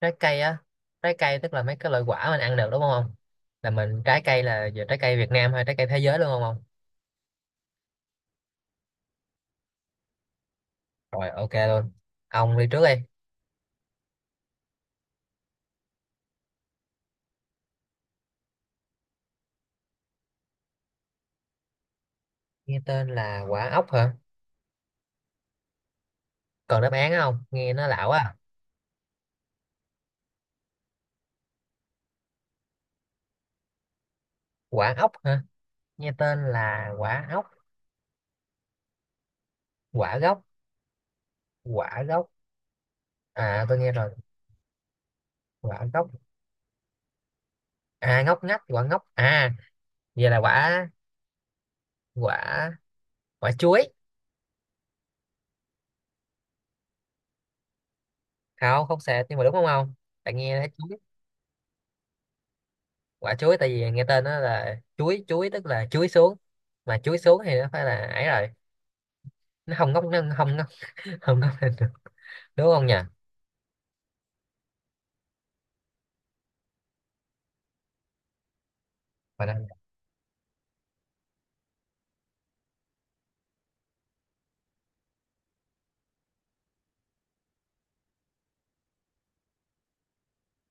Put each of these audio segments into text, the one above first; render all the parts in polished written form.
Trái cây á? Trái cây tức là mấy cái loại quả mình ăn được đúng không? Là mình Trái cây là giờ trái cây Việt Nam hay trái cây thế giới luôn không ông? Rồi, ok luôn. Ông đi trước đi. Nghe tên là quả ốc hả? Còn đáp án không? Nghe nó lão à. Quả ốc hả? Nghe tên là quả ốc. Quả gốc. Quả gốc. À tôi nghe rồi. Quả gốc. À ngóc ngách, quả ngốc à? Vậy là quả quả quả chuối. Không không sệt nhưng mà đúng Không không, tại nghe thấy chuối. Quả chuối, tại vì nghe tên nó là chuối, chuối tức là chuối xuống. Mà chuối xuống thì nó phải là ấy rồi, nó không ngóc, nó không ngóc. Không ngóc lên được, đúng không nhỉ? Phải đây.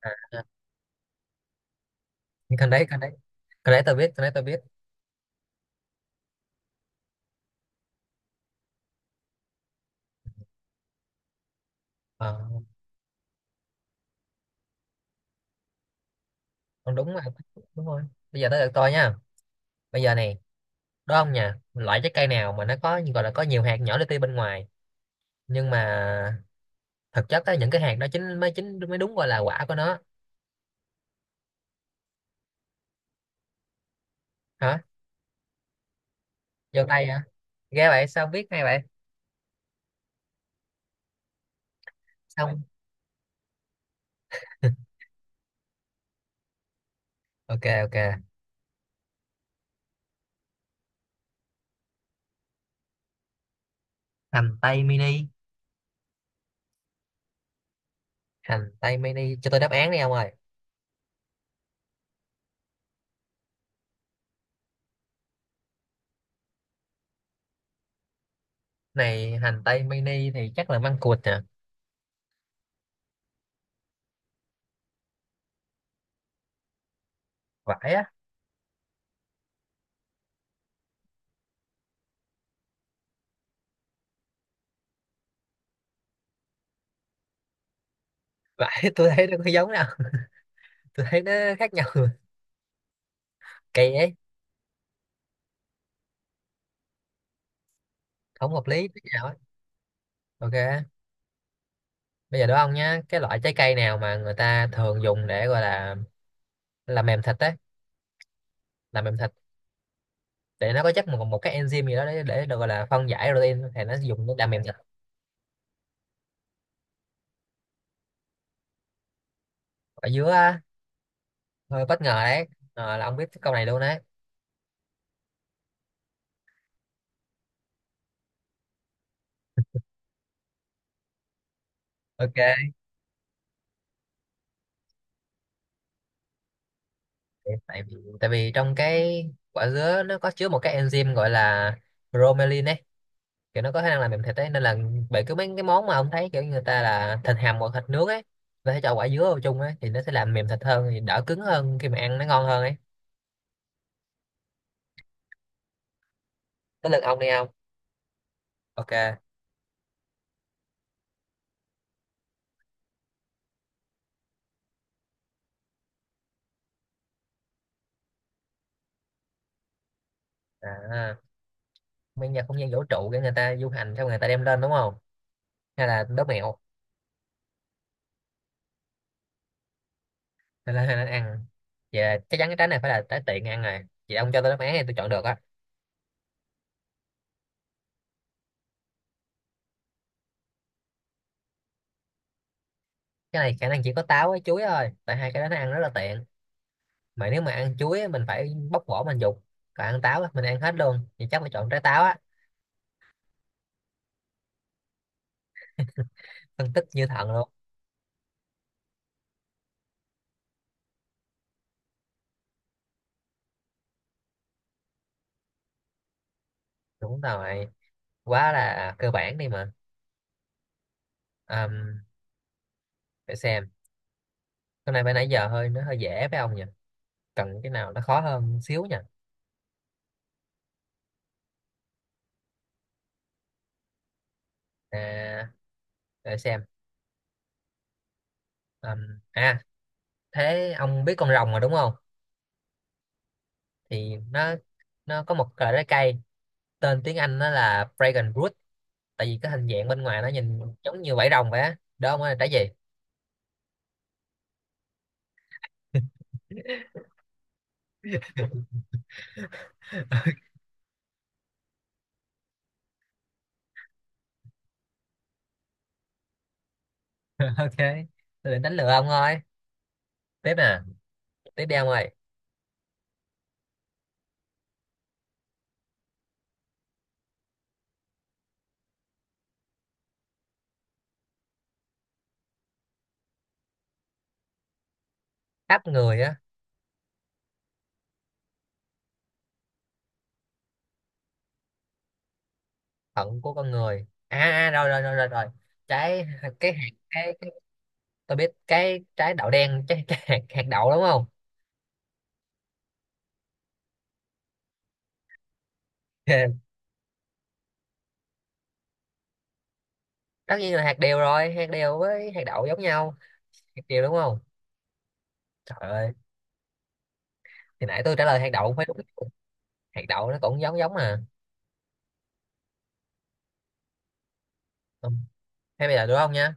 À, à, nhưng con đấy con đấy tôi biết, con đấy tôi biết. Ờ, con đúng mà, đúng rồi. Bây giờ tới lượt tôi nha. Bây giờ này, đúng không nhỉ? Loại trái cây nào mà nó có gọi là có nhiều hạt nhỏ li ti bên ngoài, nhưng mà thực chất á, những cái hạt đó chính mới, chính mới đúng gọi là quả của nó. Hả? Vô tay hả? Ghê vậy, sao biết hay vậy? Xong. Ok, ok. Hành tây mini. Hành tây mini, cho tôi đáp án đi ông ơi. Này hành tây mini thì chắc là măng cụt nè. Vải á? Vải tôi thấy nó có giống đâu. Tôi thấy nó khác nhau. Rồi. Kỳ ấy. Không hợp lý tí nào ấy. Ok, bây giờ đó ông nhá, cái loại trái cây nào mà người ta thường dùng để gọi là làm mềm thịt ấy, làm mềm thịt. Để nó có chắc một một cái enzyme gì đó để được gọi là phân giải protein thì nó dùng để làm mềm thịt. Ở dưới á? Hơi bất ngờ đấy. Ờ, là ông biết cái câu này luôn đấy. Ok. Tại vì trong cái quả dứa nó có chứa một cái enzyme gọi là bromelain ấy, kiểu nó có khả năng làm mềm thịt ấy, nên là bởi cứ mấy cái món mà ông thấy kiểu người ta là thịt hầm hoặc thịt nướng ấy, người ta sẽ cho quả dứa vào chung ấy thì nó sẽ làm mềm thịt hơn, thì đỡ cứng hơn, khi mà ăn nó ngon hơn ấy. Tới lượt ông đi ông. Ok. À, bây giờ không gian vũ trụ để người ta du hành xong người ta đem lên đúng không? Hay là đố mẹo? Hay là, hay là ăn? Vậy là chắc chắn cái trái này phải là trái tiện ăn rồi, vậy ông cho tôi đáp án thì tôi chọn được á. Cái này khả năng chỉ có táo với chuối thôi, tại hai cái đó nó ăn rất là tiện. Mà nếu mà ăn chuối á, mình phải bóc vỏ mình dục, còn ăn táo á, mình ăn hết luôn, thì chắc phải chọn trái táo á. Phân tích như thần luôn. Đúng rồi, quá là cơ bản đi mà. Ờm, để xem. Hôm nay phải nãy giờ hơi, nó hơi dễ với ông nhỉ? Cần cái nào nó khó hơn xíu nhỉ. À, để xem. À, thế ông biết con rồng mà đúng không? Thì nó có một loại trái cây tên tiếng Anh nó là dragon fruit, tại vì cái hình dạng bên ngoài nó nhìn giống như vảy rồng vậy á, đó mới là trái gì? Ok, tôi định đánh lừa ông thôi. Tiếp nè, tiếp đi ông ơi. Khắp người á? Phận của con người à? À à, rồi rồi rồi rồi rồi. Trái, cái hạt, cái tôi biết, cái trái đậu đen. Trái, cái hạt, hạt đậu đúng không? Tất nhiên là hạt điều rồi, hạt điều với hạt đậu giống nhau. Hạt điều đúng không? Trời ơi, thì nãy tôi trả lời hạt đậu cũng phải đúng. Hạt đậu nó cũng giống giống mà. Ừ. Hay bây giờ đúng không nha,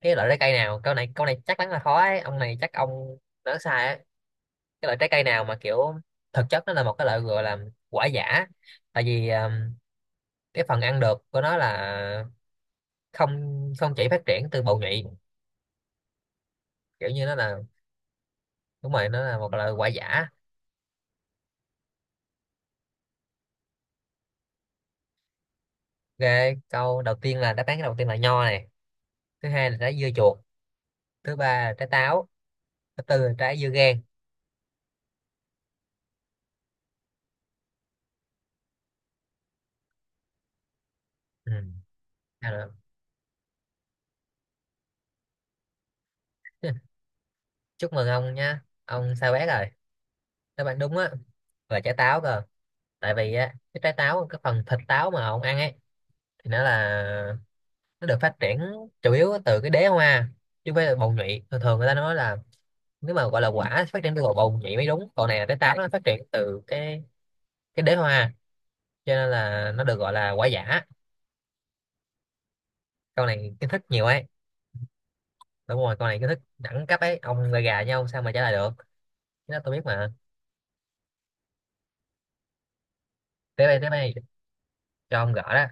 cái loại trái cây nào, câu này chắc chắn là khó ấy ông, này chắc ông nói sai ấy. Cái loại trái cây nào mà kiểu thực chất nó là một cái loại gọi là quả giả, tại vì cái phần ăn được của nó là không không chỉ phát triển từ bầu nhụy, kiểu như nó là, đúng rồi, nó là một loại quả giả. Ok, câu đầu tiên là đáp án đầu tiên là nho này, thứ hai là trái dưa chuột, thứ ba là trái táo, thứ tư là trái dưa gang. Ừ. Nào nào. Chúc mừng ông nha ông sao bét rồi. Đáp án đúng á là trái táo cơ. Tại vì á cái trái táo, cái phần thịt táo mà ông ăn ấy, thì nó là, nó được phát triển chủ yếu từ cái đế hoa chứ không phải là bầu nhụy. Thường thường người ta nói là nếu mà gọi là quả phát triển từ bầu bầu nhụy mới đúng, còn này là trái táo nó phát triển từ cái đế hoa, cho nên là nó được gọi là quả giả. Con này kiến thức nhiều ấy. Đúng rồi, con này kiến thức đẳng cấp ấy, ông gà gà nhau sao mà trả lời được. Cái đó tôi biết mà. Tới đây, cho ông gõ đó.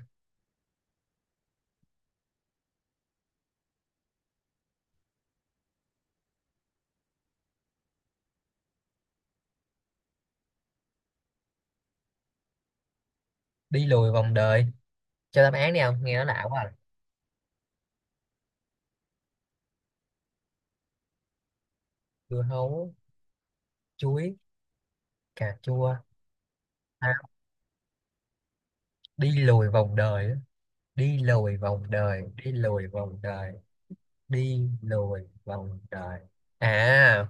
Đi lùi vòng đời? Cho đáp án đi ông, nghe nó lạ quá à. Dưa hấu, chuối, cà chua. À, đi lùi vòng đời á. Đi lùi vòng đời, đi lùi vòng đời. À,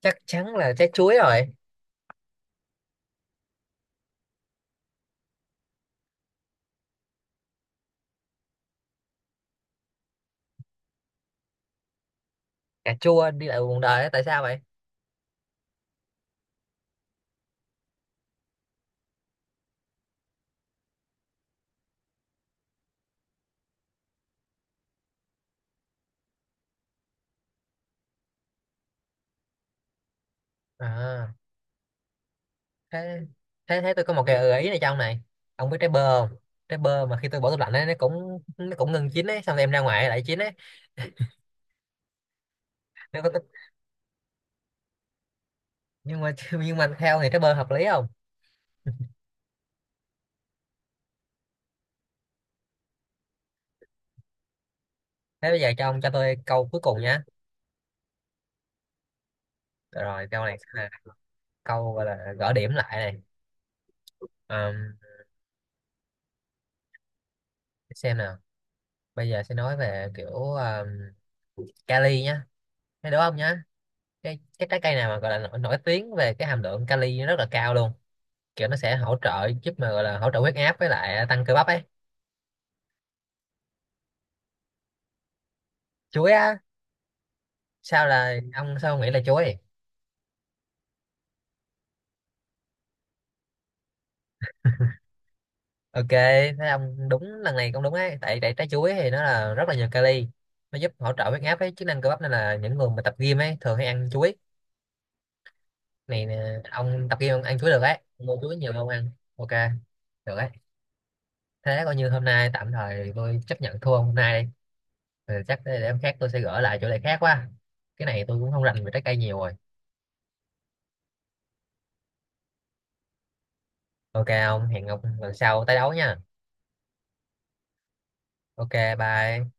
chắc chắn là trái chuối rồi. Cà chua đi lại vòng đời á, tại sao vậy? À, thế thế thế tôi có một cái gợi ý này trong này. Ông biết trái bơ không? Trái bơ mà khi tôi bỏ tủ lạnh ấy, nó cũng ngừng chín ấy, xong rồi em ra ngoài lại chín ấy. Nó có, nhưng mà nhưng mà theo thì trái bơ hợp lý không? Thế bây giờ cho ông, cho tôi câu cuối cùng nhá. Rồi câu này sẽ là câu gọi là gỡ điểm lại này. Ờm, xem nào. Bây giờ sẽ nói về kiểu Cali nhá, thấy đúng không nhá. Cái trái cây nào mà gọi là nổi tiếng về cái hàm lượng kali nó rất là cao luôn, kiểu nó sẽ hỗ trợ giúp mà gọi là hỗ trợ huyết áp với lại tăng cơ bắp ấy. Chuối á? Sao là ông, sao ông nghĩ là chuối? Ok, thấy ông đúng, lần này cũng đúng ấy, tại tại trái chuối thì nó là rất là nhiều kali, nó giúp hỗ trợ huyết áp với chức năng cơ bắp, nên là những người mà tập gym ấy thường hay ăn chuối. Này nè ông, tập gym ông ăn chuối được ấy, mua chuối nhiều hơn ăn. Ok, được ấy. Thế coi như hôm nay tạm thời tôi chấp nhận thua hôm nay đi. Ừ, chắc để hôm khác tôi sẽ gỡ lại chỗ này khác quá. Cái này tôi cũng không rành về trái cây nhiều rồi. Ok ông, hẹn ông lần sau tái đấu nha. Ok, bye.